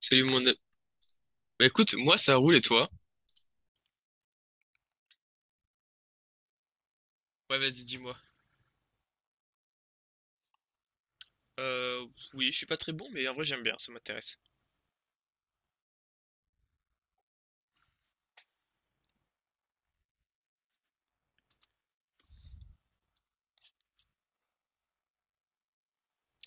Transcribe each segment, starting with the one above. Salut mon... a- Bah écoute, moi ça roule et toi? Ouais, vas-y, dis-moi. Euh, oui, je suis pas très bon, mais en vrai j'aime bien, ça m'intéresse.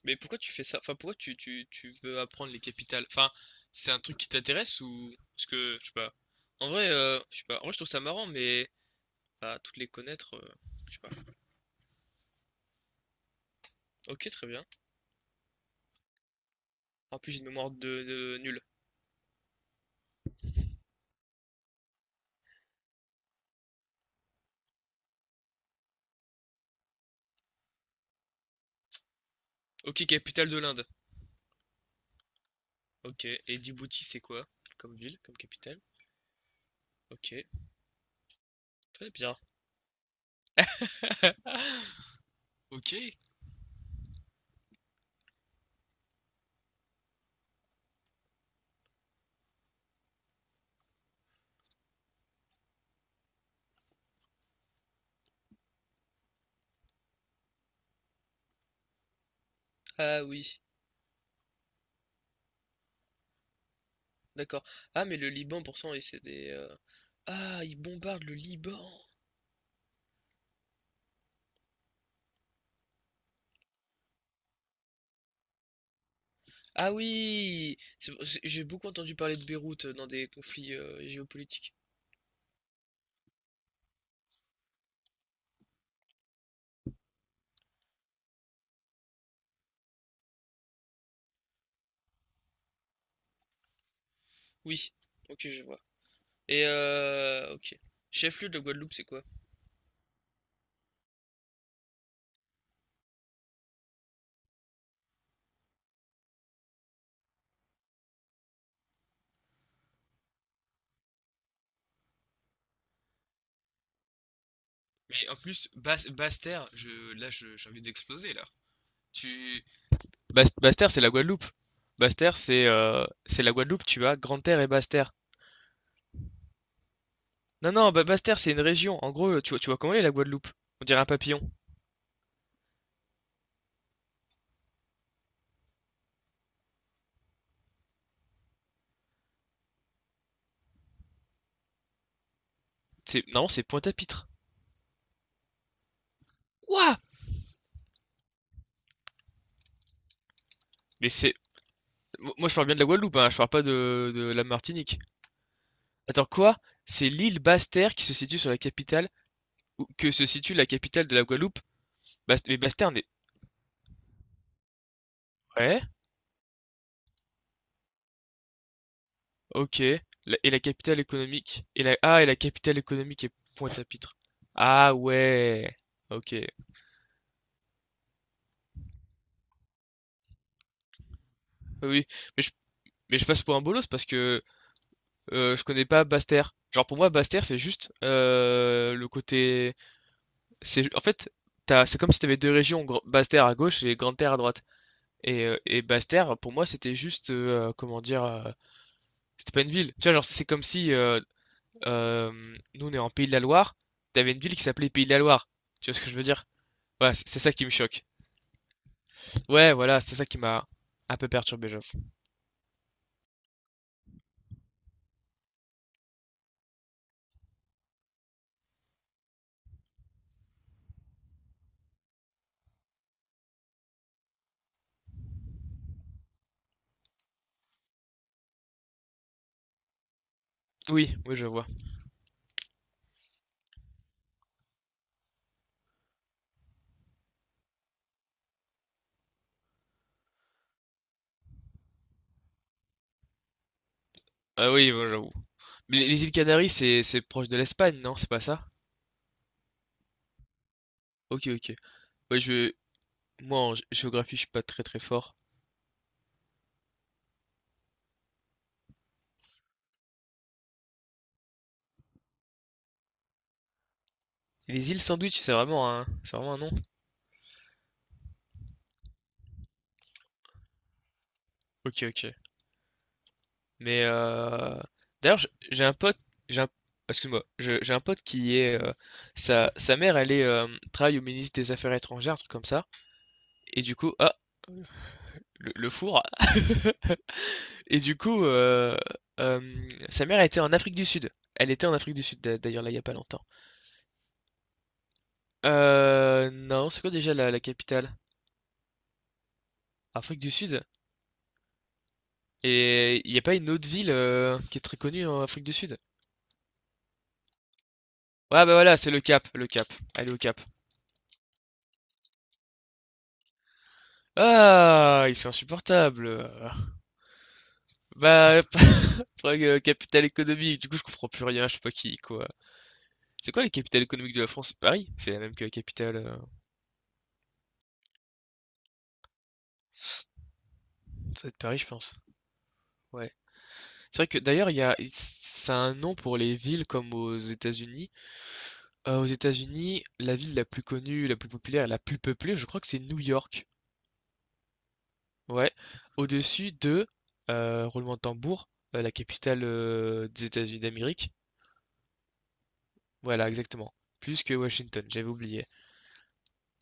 Mais pourquoi tu fais ça? Enfin, pourquoi tu veux apprendre les capitales? Enfin, c'est un truc qui t'intéresse ou... Parce que, je sais pas. En vrai, je sais pas. En vrai, je trouve ça marrant, mais... Bah, toutes les connaître, je sais pas. Ok, très bien. En plus, j'ai une mémoire de nulle. Ok, capitale de l'Inde. Ok, et Djibouti, c'est quoi? Comme ville, comme capitale? Ok, très bien. Ok. Ah oui. D'accord. Ah, mais le Liban, pourtant, et c'est des. Ah, ils bombardent le Liban. Ah oui! C'est- J'ai beaucoup entendu parler de Beyrouth dans des conflits géopolitiques. Oui, ok, je vois. Et ok. Chef-lieu de Guadeloupe, c'est quoi? Mais en plus, Bas Basse-Terre, je, là, je- j'ai envie d'exploser, là. Tu... Bas- Basse-Terre, c'est la Guadeloupe. Basse-Terre, c'est la Guadeloupe, tu as Grande-Terre et Basse-Terre. Non, non, Ba- Basse-Terre, c'est une région. En gros, tu vois comment elle est la Guadeloupe? On dirait un papillon. C'est, non, c'est Pointe-à-Pitre. Quoi? Mais c'est. Moi, je parle bien de la Guadeloupe, hein, je parle pas de, de la Martinique. Attends, quoi? C'est l'île Basse-Terre qui se situe sur la capitale, ou que se situe la capitale de la Guadeloupe? Basse- mais Basse-Terre n'est. Ouais, ok. La- et la capitale économique? Et la... Ah, et la capitale économique est Pointe-à-Pitre. Ah, ouais. Ok. Oui, oui. mais je, mais je passe pour un bolos parce que je connais pas Basse-Terre. Genre, pour moi, Basse-Terre, c'est juste le côté. C'est, en fait, t'as- c'est comme si t'avais deux régions, Gr- Basse-Terre à gauche et Grande-Terre à droite. Et Basse-Terre, pour moi, c'était juste, comment dire, c'était pas une ville. Tu vois, genre, c'est comme si euh, nous, on est en Pays de la Loire, t'avais une ville qui s'appelait Pays de la Loire. Tu vois ce que je veux dire? Voilà, c'est ça qui me choque. Ouais, voilà, c'est ça qui m'a un peu perturbé, j'avoue. Oui, oui, je vois. Ah oui, moi, j'avoue. Mais les îles Canaries, c'est proche de l'Espagne, non? C'est pas ça? Ok, ok. Ouais, je, moi, en gé- géographie, je suis pas très très fort. Et les îles Sandwich, c'est vraiment un nom? Ok, ok. Mais d'ailleurs, j'- j'ai un pote, j'ai un, excuse-moi, je- j'ai un pote qui est sa, sa mère, elle est travaille au ministre des Affaires étrangères, un truc comme ça. Et du coup, ah, le four. Et du coup, euh, sa mère était en Afrique du Sud. Elle était en Afrique du Sud d'a- d'ailleurs là il y a pas longtemps. Non, c'est quoi déjà la, la capitale? Afrique du Sud? Et il n'y a pas une autre ville qui est très connue en Afrique du Sud? Ouais, bah voilà, c'est le Cap, le Cap. Elle est au Cap. Ah! Ils sont insupportables, bah, faudrait que capitale économique, du coup, je comprends plus rien, je sais pas qui quoi. C'est quoi la capitale économique de la France? C'est Paris? C'est la même que la capitale, ça doit être Paris, je pense. Ouais. C'est vrai que d'ailleurs, il y a ça a un nom pour les villes comme aux États-Unis. Aux États-Unis, la ville la plus connue, la plus populaire la plus peuplée, je crois que c'est New York. Ouais. Au-dessus de, roulement de tambour, la capitale, des États-Unis d'Amérique. Voilà, exactement. Plus que Washington, j'avais oublié.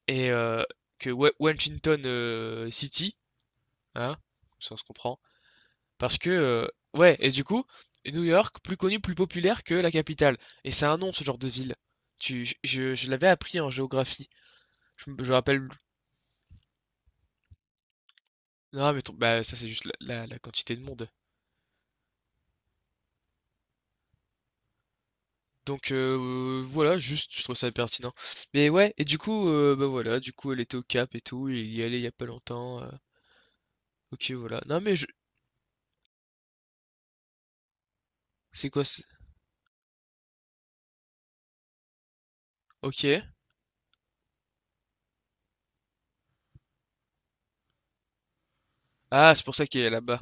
Et que Wa- Washington City, hein, ça on se comprend, parce que ouais, et du coup, New York, plus connu, plus populaire que la capitale, et c'est un nom ce genre de ville. Tu, je l'avais appris en géographie. Je me rappelle. Non, mais ton- bah ça c'est juste la, la- la quantité de monde. Donc voilà, juste je trouve ça pertinent. Mais ouais, et du coup, bah voilà, du coup elle était au Cap et tout, il y allait il y a pas longtemps. Ok, voilà. Non mais je, c'est quoi, c'est- ok. Ah, c'est pour ça qu'il est là-bas.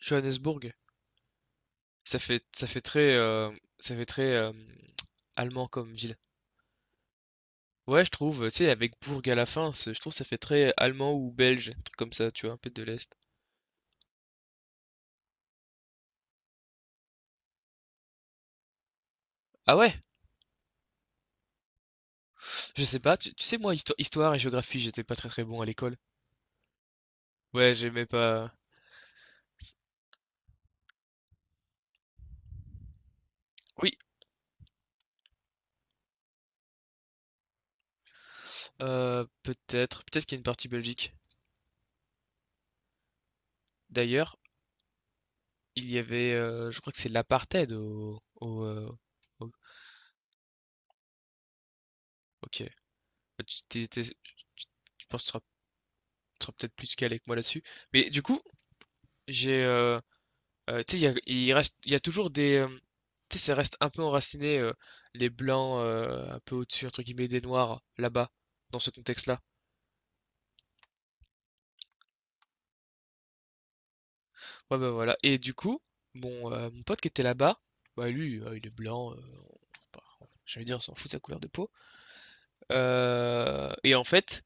Johannesburg. Ça fait très, ça fait très, allemand comme ville. Ouais, je trouve, tu sais, avec bourg à la fin, c'est je trouve ça fait très allemand ou belge, un truc comme ça, tu vois? Un peu de l'est. Ah ouais? Je sais pas, tu sais, moi, histo histoire et géographie, j'étais pas très, très bon à l'école. Ouais, j'aimais pas oui, peut-être, peut-être qu'il y a une partie Belgique. D'ailleurs, il y avait, je crois que c'est l'apartheid au au, au OK. Bah, tu étais tu tu penses que tu seras peut-être plus calé que moi là-dessus. Mais du coup, j'ai, Tu sais, il y a, il reste, il y a toujours des. Tu sais, ça reste un peu enraciné, les blancs un peu au-dessus, entre guillemets, des noirs, là-bas, dans ce contexte-là. Ouais, bah voilà. Et du coup, bon, mon pote qui était là-bas, bah lui, il est blanc, bah, j'allais dire, on s'en fout de sa couleur de peau. Et en fait,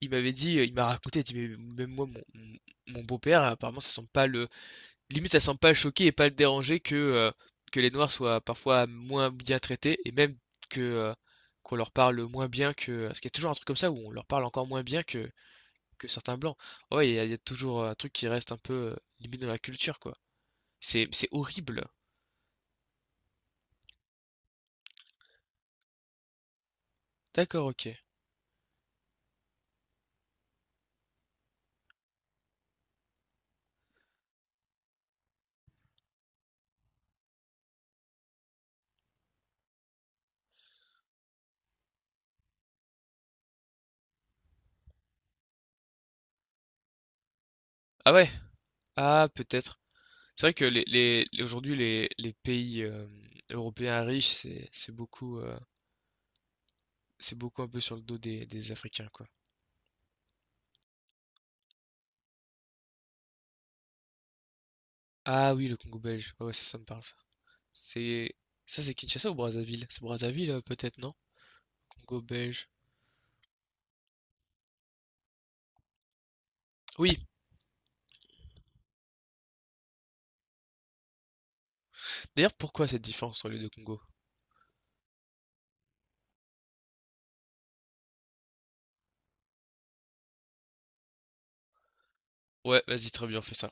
il m'avait dit, il m'a raconté, il dit, mais même moi, mon- mon beau-père, apparemment, ça sent pas le, limite ça semble pas le choquer et pas le déranger que les noirs soient parfois moins bien traités et même que, qu'on leur parle moins bien que, parce qu'il y a toujours un truc comme ça où on leur parle encore moins bien que certains blancs. Ah ouais, il y a toujours, un truc qui reste un peu, limite dans la culture, quoi. C'est horrible. D'accord, OK. Ah ouais? Ah peut-être. C'est vrai que les aujourd'hui les pays, européens riches, c'est beaucoup, c'est beaucoup un peu sur le dos des Africains, quoi. Ah oui, le Congo belge. Ouais, ouais, ça me parle c'est ça, c'est Kinshasa ou Brazzaville? C'est Brazzaville peut-être, non? Congo belge. Oui. D'ailleurs, pourquoi cette différence entre les deux Congos? Ouais, vas-y, très bien, on fait ça.